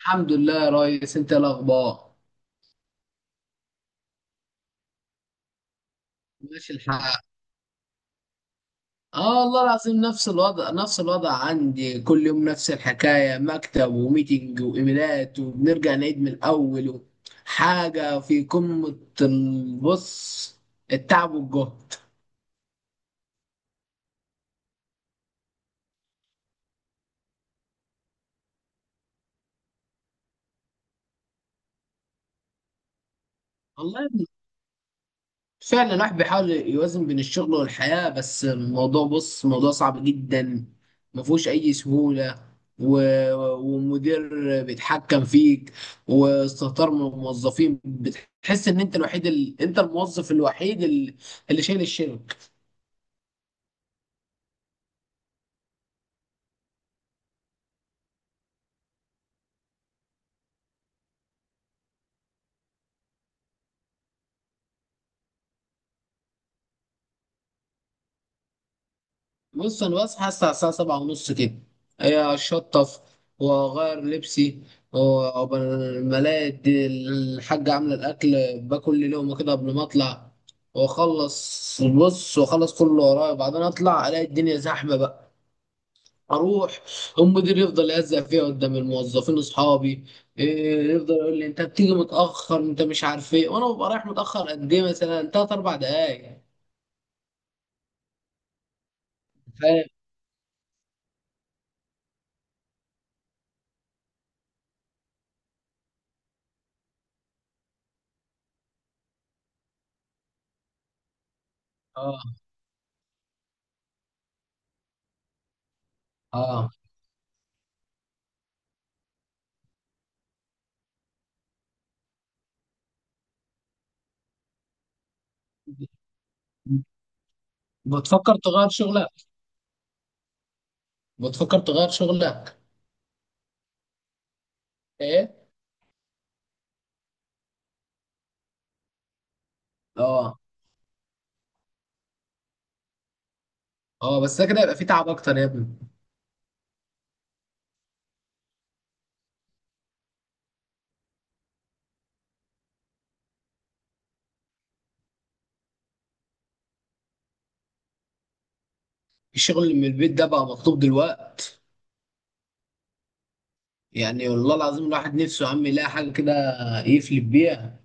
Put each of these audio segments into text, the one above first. الحمد لله يا ريس، انت ايه الاخبار؟ ماشي الحال. اه، والله العظيم نفس الوضع نفس الوضع عندي، كل يوم نفس الحكايه: مكتب وميتنج وايميلات وبنرجع نعيد من الاول حاجه في قمه البص، التعب والجهد. والله فعلا الواحد بيحاول يوازن بين الشغل والحياة، بس الموضوع بص موضوع صعب جدا، ما فيهوش أي سهولة. و... ومدير بيتحكم فيك، واستهتار من الموظفين. بتحس إن أنت الوحيد أنت الموظف الوحيد اللي شايل الشغل. بص انا بصحى الساعه 7:30 كده، هي اشطف واغير لبسي، وقبل ما الاقي الد- الحاجه عامله الاكل، باكل لي لقمه كده قبل ما اطلع، واخلص بص واخلص كل اللي ورايا، بعدين اطلع الاقي الدنيا زحمه بقى، اروح. المدير يفضل يهزق فيا قدام الموظفين اصحابي، إيه، يفضل يقول لي انت بتيجي متاخر، انت مش عارف ايه، وانا ببقى رايح متاخر قد ايه؟ مثلا تلات اربع دقايق. فاهم. اه، اه. بتفكر تغير شغلك؟ بتفكر تغير شغلك؟ ايه. اه، اه، بس ده كده يبقى فيه تعب اكتر يا ابني. الشغل اللي من البيت ده بقى مطلوب دلوقت، يعني والله العظيم الواحد نفسه يا عم يلاقي حاجه كده يفلب بيها.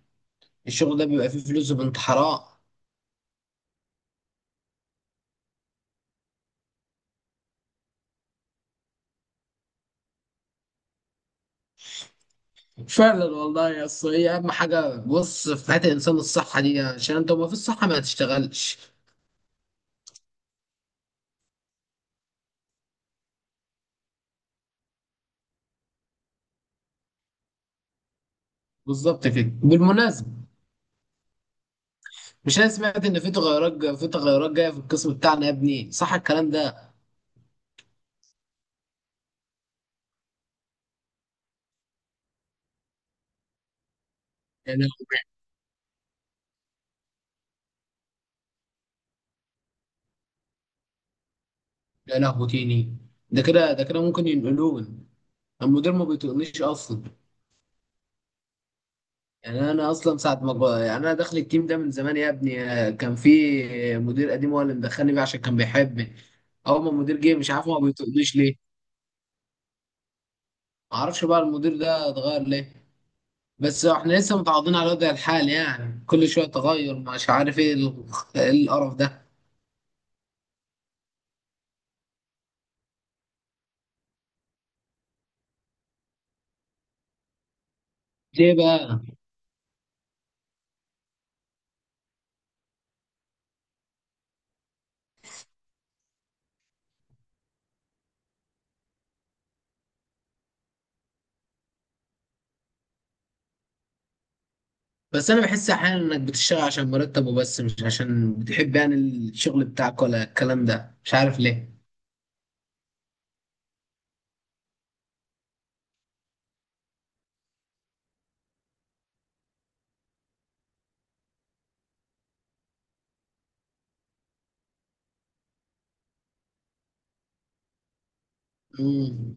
الشغل ده بيبقى فيه فلوس بنت حرام. فعلا والله يا أصل، هي اهم حاجه بص في حياه الانسان الصحه دي، عشان انت ما في الصحه ما تشتغلش. بالظبط كده. بالمناسبه، مش انا سمعت ان في تغيرات في تغيرات جايه في القسم بتاعنا يا ابني، صح الكلام ده؟ يعني يا لهوي تاني! ده كده ده كده ممكن ينقلون. المدير ما بيطقنيش اصلا، يعني انا اصلا ساعه ما ب- يعني انا داخل التيم ده من زمان يا ابني، آه، كان في مدير قديم هو اللي مدخلني بيه عشان كان بيحبني. اول ما المدير جه مش عارف ما بيطقنيش ليه. ما اعرفش بقى المدير ده اتغير ليه. بس احنا لسه متعاضدين على وضع الحال، يعني كل شويه تغير، مش عارف ايه إيه القرف ده؟ ليه بقى؟ بس انا بحس احيانا انك بتشتغل عشان مرتبه بس، مش عشان بتحب يعني الشغل بتاعك، ولا الكلام ده مش عارف ليه. مم.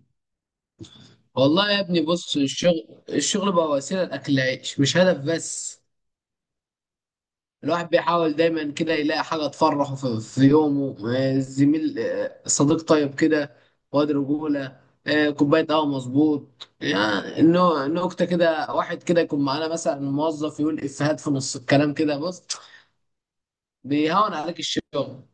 والله يا ابني بص، الشغل بقى وسيلة لأكل العيش مش هدف بس. الواحد بيحاول دايما كده يلاقي حاجة تفرحه في يومه، زميل، صديق طيب كده، واد رجولة، آه، كوباية قهوة مظبوط. يعني نكتة كده، واحد كده يكون معانا مثلا، موظف يقول إفيهات في نص الكلام كده بص، بيهون عليك الشغل.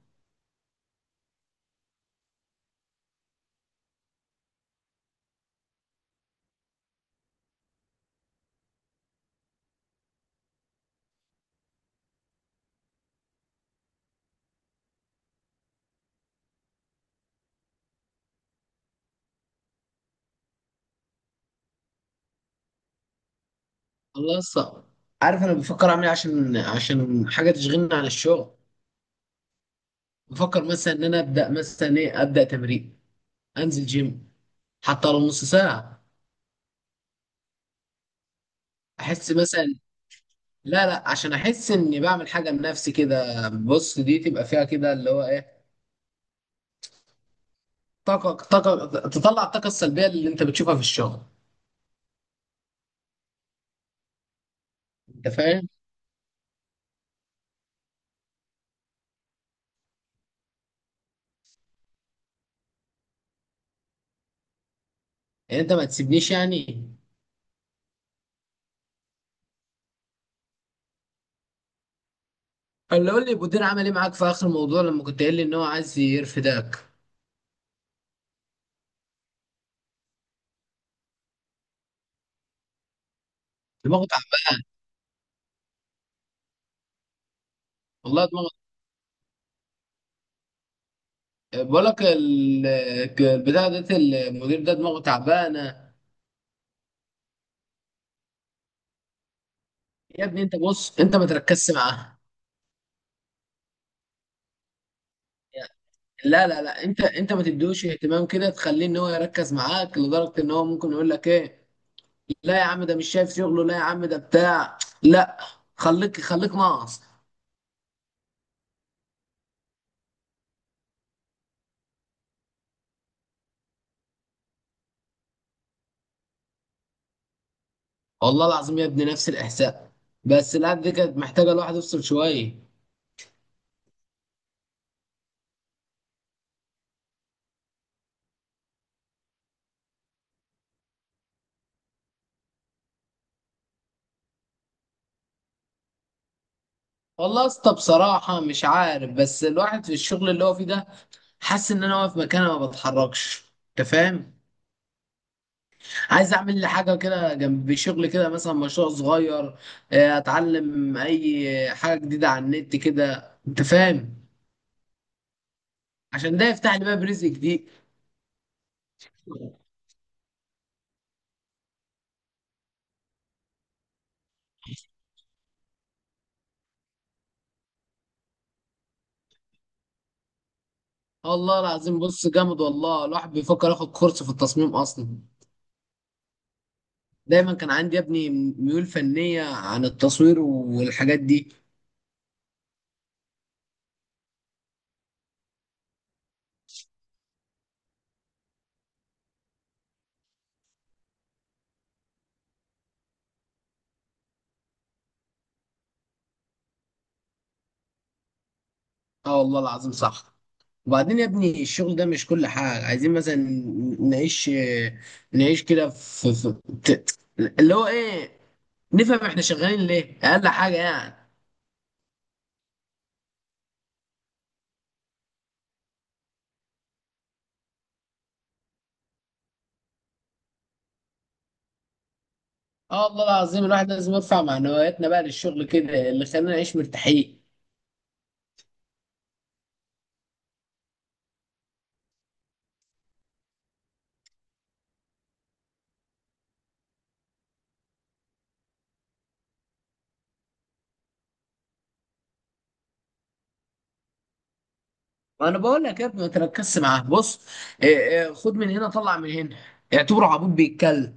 الله يسطا. عارف أنا بفكر أعمل إيه عشان حاجة تشغلني عن الشغل؟ بفكر مثلا إن أنا أبدأ مثلا إيه، أبدأ تمرين، انزل جيم، حتى لو نص ساعه. احس مثلا، لا لا، عشان احس اني بعمل حاجه لنفسي كده بص، دي تبقى فيها كده اللي هو ايه، طاقه، طاقه تطلع الطاقه السلبيه اللي انت بتشوفها في الشغل. انت فاهم؟ يعني انت ما تسيبنيش يعني. اللي قول لي المدير عمل ايه معاك في اخر الموضوع لما كنت قايل لي ان هو عايز يرفدك؟ دماغه تعبانه. والله دماغه، بقول لك البتاع ده، المدير ده دماغه تعبانه. يا ابني انت بص، انت ما تركزش معاه. لا لا لا، انت ما تديهوش اهتمام كده، تخليه ان هو يركز معاك لدرجه ان هو ممكن يقول لك ايه. لا يا عم، ده مش شايف شغله، لا يا عم ده بتاع، لا. خليك خليك ناقص. والله العظيم يا ابني نفس الاحساس. بس الأب دي كانت محتاجه الواحد يفصل شويه. والله يا اسطى بصراحه مش عارف، بس الواحد في الشغل اللي هو فيه ده حاسس ان انا واقف مكاني ما بتحركش. انت فاهم؟ عايز اعمل لي حاجه كده جنب شغل كده، مثلا مشروع صغير، آه، اتعلم اي حاجه جديده على النت كده. انت فاهم؟ عشان ده يفتح لي باب رزق جديد. الله العظيم بص جامد والله، الواحد بيفكر ياخد كورس في التصميم اصلا. دايما كان عندي يا ابني ميول فنيه عن التصوير والحاجات دي. اه والله العظيم صح. وبعدين يا ابني الشغل ده مش كل حاجة، عايزين مثلا نعيش، نعيش كده في اللي هو ايه، نفهم احنا شغالين ليه اقل حاجة يعني. اه والله العظيم، الواحد لازم يرفع معنوياتنا بقى للشغل كده اللي خلينا نعيش مرتاحين. ما انا بقول لك يا ابني ما تركزش معاه بص، إيه إيه خد من هنا طلع من هنا، اعتبره عبود بيتكلم.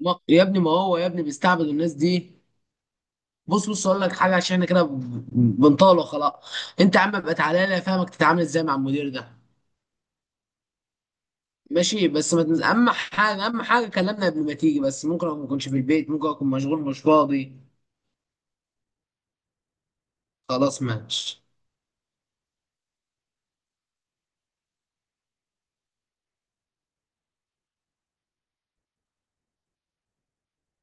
يا ابني ما هو يا ابني بيستعبد الناس دي. بص بص اقول لك حاجه، عشان احنا كده بنطاله خلاص. انت يا عم ابقى تعالى لي افهمك تتعامل ازاي مع المدير ده. ماشي، بس ما تنز... اهم حاجه اهم حاجه كلمنا قبل ما تيجي، بس ممكن اكون ما اكونش في البيت، ممكن اكون مشغول مش فاضي. خلاص ماشي.